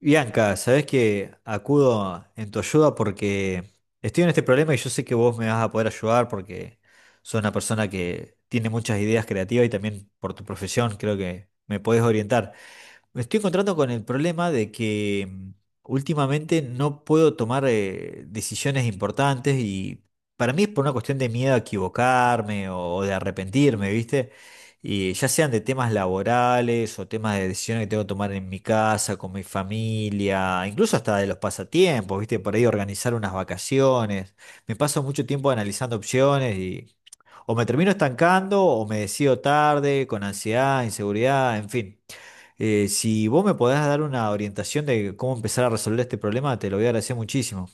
Bianca, sabés que acudo en tu ayuda porque estoy en este problema y yo sé que vos me vas a poder ayudar porque sos una persona que tiene muchas ideas creativas y también por tu profesión creo que me podés orientar. Me estoy encontrando con el problema de que últimamente no puedo tomar decisiones importantes y para mí es por una cuestión de miedo a equivocarme o de arrepentirme, ¿viste? Y ya sean de temas laborales o temas de decisiones que tengo que tomar en mi casa, con mi familia, incluso hasta de los pasatiempos, ¿viste? Por ahí organizar unas vacaciones. Me paso mucho tiempo analizando opciones y o me termino estancando o me decido tarde, con ansiedad, inseguridad, en fin. Si vos me podés dar una orientación de cómo empezar a resolver este problema, te lo voy a agradecer muchísimo.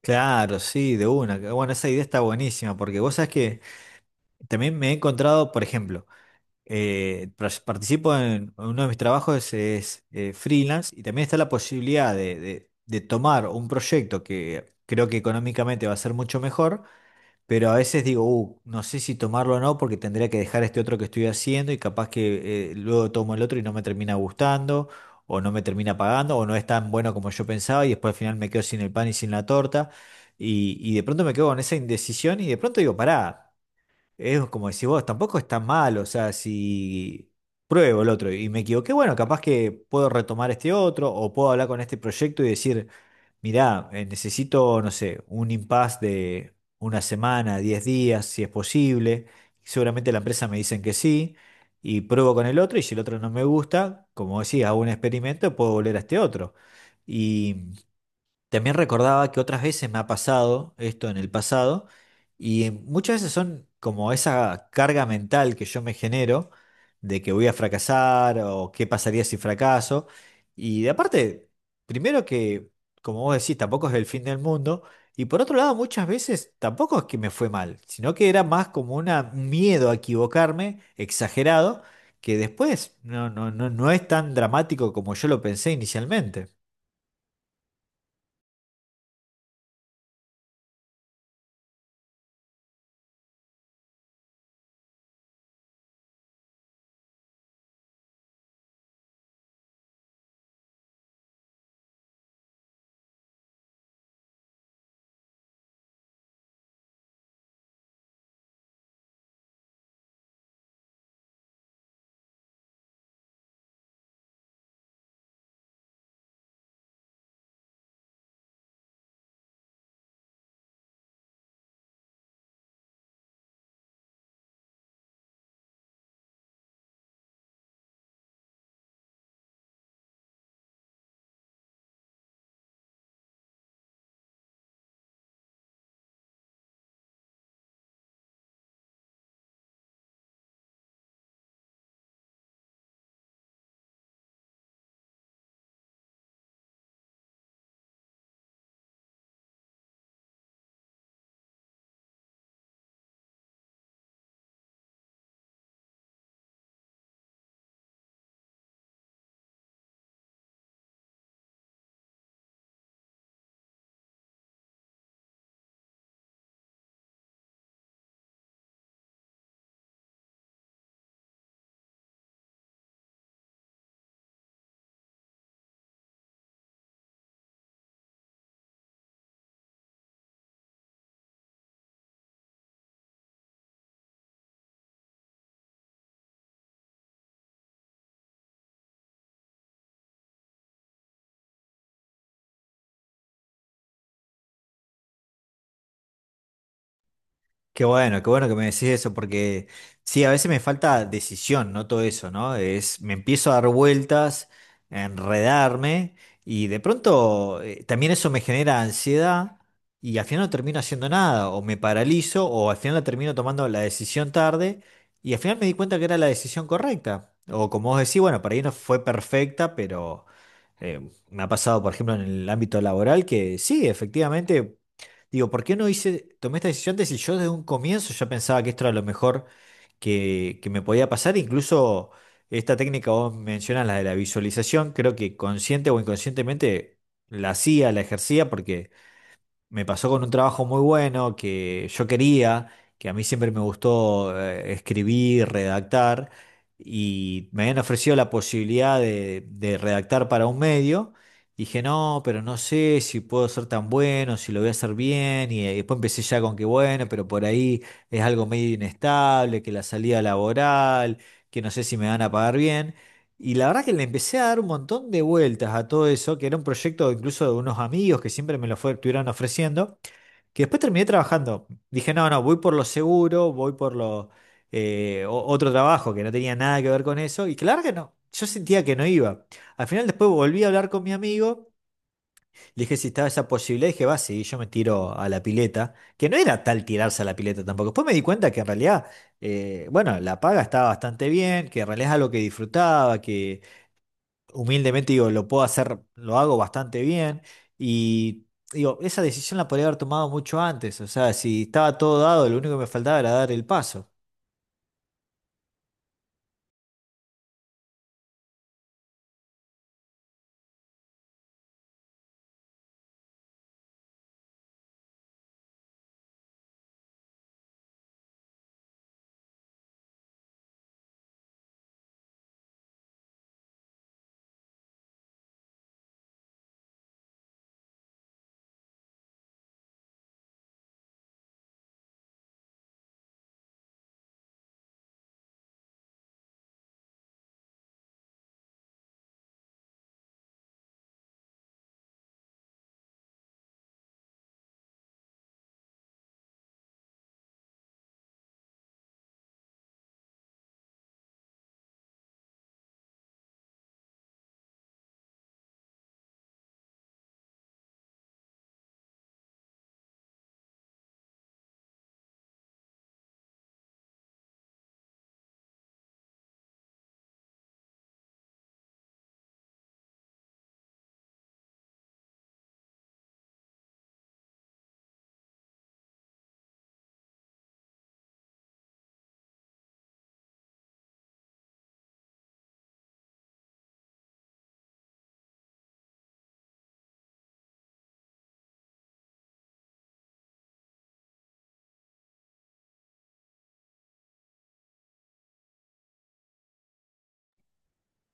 Claro, sí, de una. Bueno, esa idea está buenísima porque vos sabés que también me he encontrado, por ejemplo, participo en uno de mis trabajos freelance y también está la posibilidad de tomar un proyecto que creo que económicamente va a ser mucho mejor, pero a veces digo, no sé si tomarlo o no porque tendría que dejar este otro que estoy haciendo y capaz que luego tomo el otro y no me termina gustando o no me termina pagando o no es tan bueno como yo pensaba y después al final me quedo sin el pan y sin la torta y de pronto me quedo con esa indecisión y de pronto digo, pará. Es como decís vos, tampoco es tan mal, o sea, si pruebo el otro y me equivoqué, bueno, capaz que puedo retomar este otro o puedo hablar con este proyecto y decir, mirá, necesito, no sé, un impasse de una semana, 10 días, si es posible. Seguramente la empresa me dicen que sí y pruebo con el otro y si el otro no me gusta, como decía hago un experimento, puedo volver a este otro. También recordaba que otras veces me ha pasado esto en el pasado y muchas veces son como esa carga mental que yo me genero de que voy a fracasar o qué pasaría si fracaso. Y de aparte, primero que, como vos decís, tampoco es el fin del mundo. Y por otro lado, muchas veces tampoco es que me fue mal, sino que era más como un miedo a equivocarme exagerado que después no es tan dramático como yo lo pensé inicialmente. Qué bueno que me decís eso, porque sí, a veces me falta decisión, no todo eso, ¿no? Es, me empiezo a dar vueltas, a enredarme, y de pronto también eso me genera ansiedad, y al final no termino haciendo nada, o me paralizo, o al final la termino tomando la decisión tarde, y al final me di cuenta que era la decisión correcta. O como vos decís, bueno, para ahí no fue perfecta, pero me ha pasado, por ejemplo, en el ámbito laboral, que sí, efectivamente. Digo, ¿por qué no hice, tomé esta decisión de si yo desde un comienzo ya pensaba que esto era lo mejor que me podía pasar? Incluso esta técnica vos mencionas, la de la visualización, creo que consciente o inconscientemente la hacía, la ejercía, porque me pasó con un trabajo muy bueno que yo quería, que a mí siempre me gustó escribir, redactar, y me habían ofrecido la posibilidad de redactar para un medio. Dije, no, pero no sé si puedo ser tan bueno, si lo voy a hacer bien, y, después empecé ya con que bueno, pero por ahí es algo medio inestable, que la salida laboral, que no sé si me van a pagar bien. Y la verdad que le empecé a dar un montón de vueltas a todo eso, que era un proyecto incluso de unos amigos que siempre me lo estuvieron ofreciendo, que después terminé trabajando. Dije, no, no, voy por lo seguro, voy por lo otro trabajo que no tenía nada que ver con eso. Y claro que no, yo sentía que no iba. Al final después volví a hablar con mi amigo, le dije si estaba esa posibilidad, dije, va, sí, yo me tiro a la pileta, que no era tal tirarse a la pileta tampoco. Después me di cuenta que en realidad, bueno, la paga estaba bastante bien, que en realidad es algo que disfrutaba, que humildemente digo, lo puedo hacer, lo hago bastante bien y digo, esa decisión la podría haber tomado mucho antes, o sea, si estaba todo dado, lo único que me faltaba era dar el paso.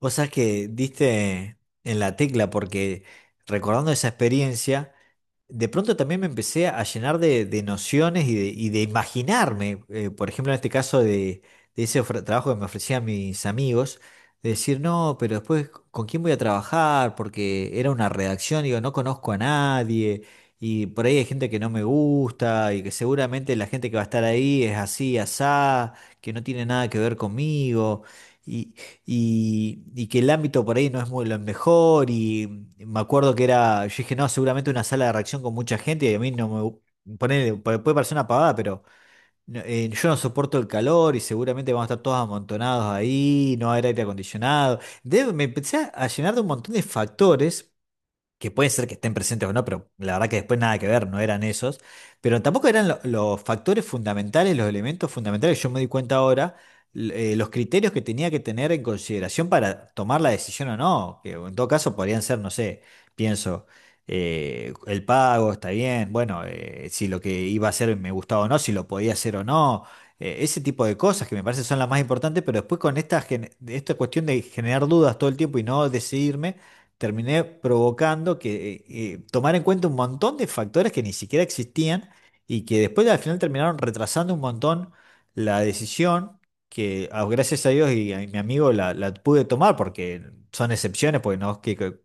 Vos sabés que diste en la tecla porque recordando esa experiencia, de pronto también me empecé a llenar de nociones y de imaginarme, por ejemplo, en este caso de ese trabajo que me ofrecían mis amigos, de decir, no, pero después, ¿con quién voy a trabajar? Porque era una redacción, digo, no conozco a nadie, y por ahí hay gente que no me gusta, y que seguramente la gente que va a estar ahí es así, asá, que no tiene nada que ver conmigo y que el ámbito por ahí no es muy lo mejor. Y me acuerdo que era, yo dije, no, seguramente una sala de reacción con mucha gente. Y a mí no me. Ponele, puede parecer una pavada, pero no, yo no soporto el calor y seguramente vamos a estar todos amontonados ahí, no va a haber aire acondicionado. Me empecé a llenar de un montón de factores que puede ser que estén presentes o no, pero la verdad que después nada que ver, no eran esos, pero tampoco eran los factores fundamentales, los elementos fundamentales, yo me di cuenta ahora, los criterios que tenía que tener en consideración para tomar la decisión o no, que en todo caso podrían ser, no sé, pienso, el pago está bien, bueno, si lo que iba a hacer me gustaba o no, si lo podía hacer o no. Ese tipo de cosas que me parece son las más importantes, pero después con esta, esta cuestión de generar dudas todo el tiempo y no decidirme, terminé provocando que tomar en cuenta un montón de factores que ni siquiera existían y que después al final terminaron retrasando un montón la decisión que ah, gracias a Dios y a mi amigo la pude tomar porque son excepciones, porque no es que, que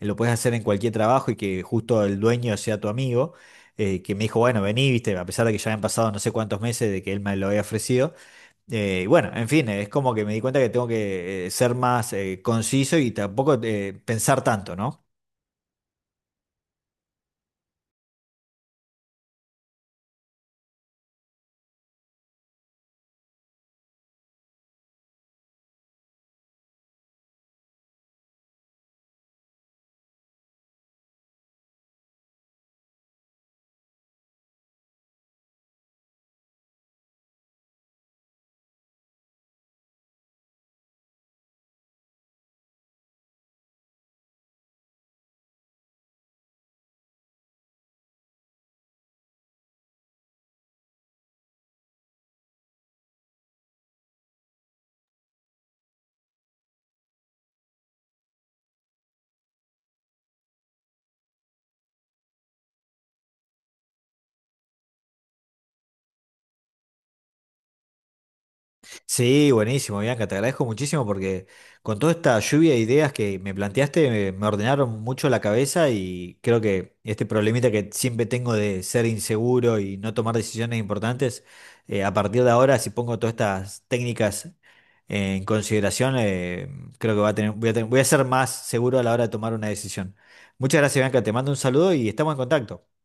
eh, lo puedes hacer en cualquier trabajo y que justo el dueño sea tu amigo, que me dijo, bueno, vení, viste, a pesar de que ya habían pasado no sé cuántos meses de que él me lo había ofrecido. Y bueno, en fin, es como que me di cuenta que tengo que ser más conciso y tampoco pensar tanto, ¿no? Sí, buenísimo, Bianca, te agradezco muchísimo porque con toda esta lluvia de ideas que me planteaste me ordenaron mucho la cabeza y creo que este problemita que siempre tengo de ser inseguro y no tomar decisiones importantes, a partir de ahora, si pongo todas estas técnicas en consideración, creo que voy a voy a ser más seguro a la hora de tomar una decisión. Muchas gracias, Bianca. Te mando un saludo y estamos en contacto.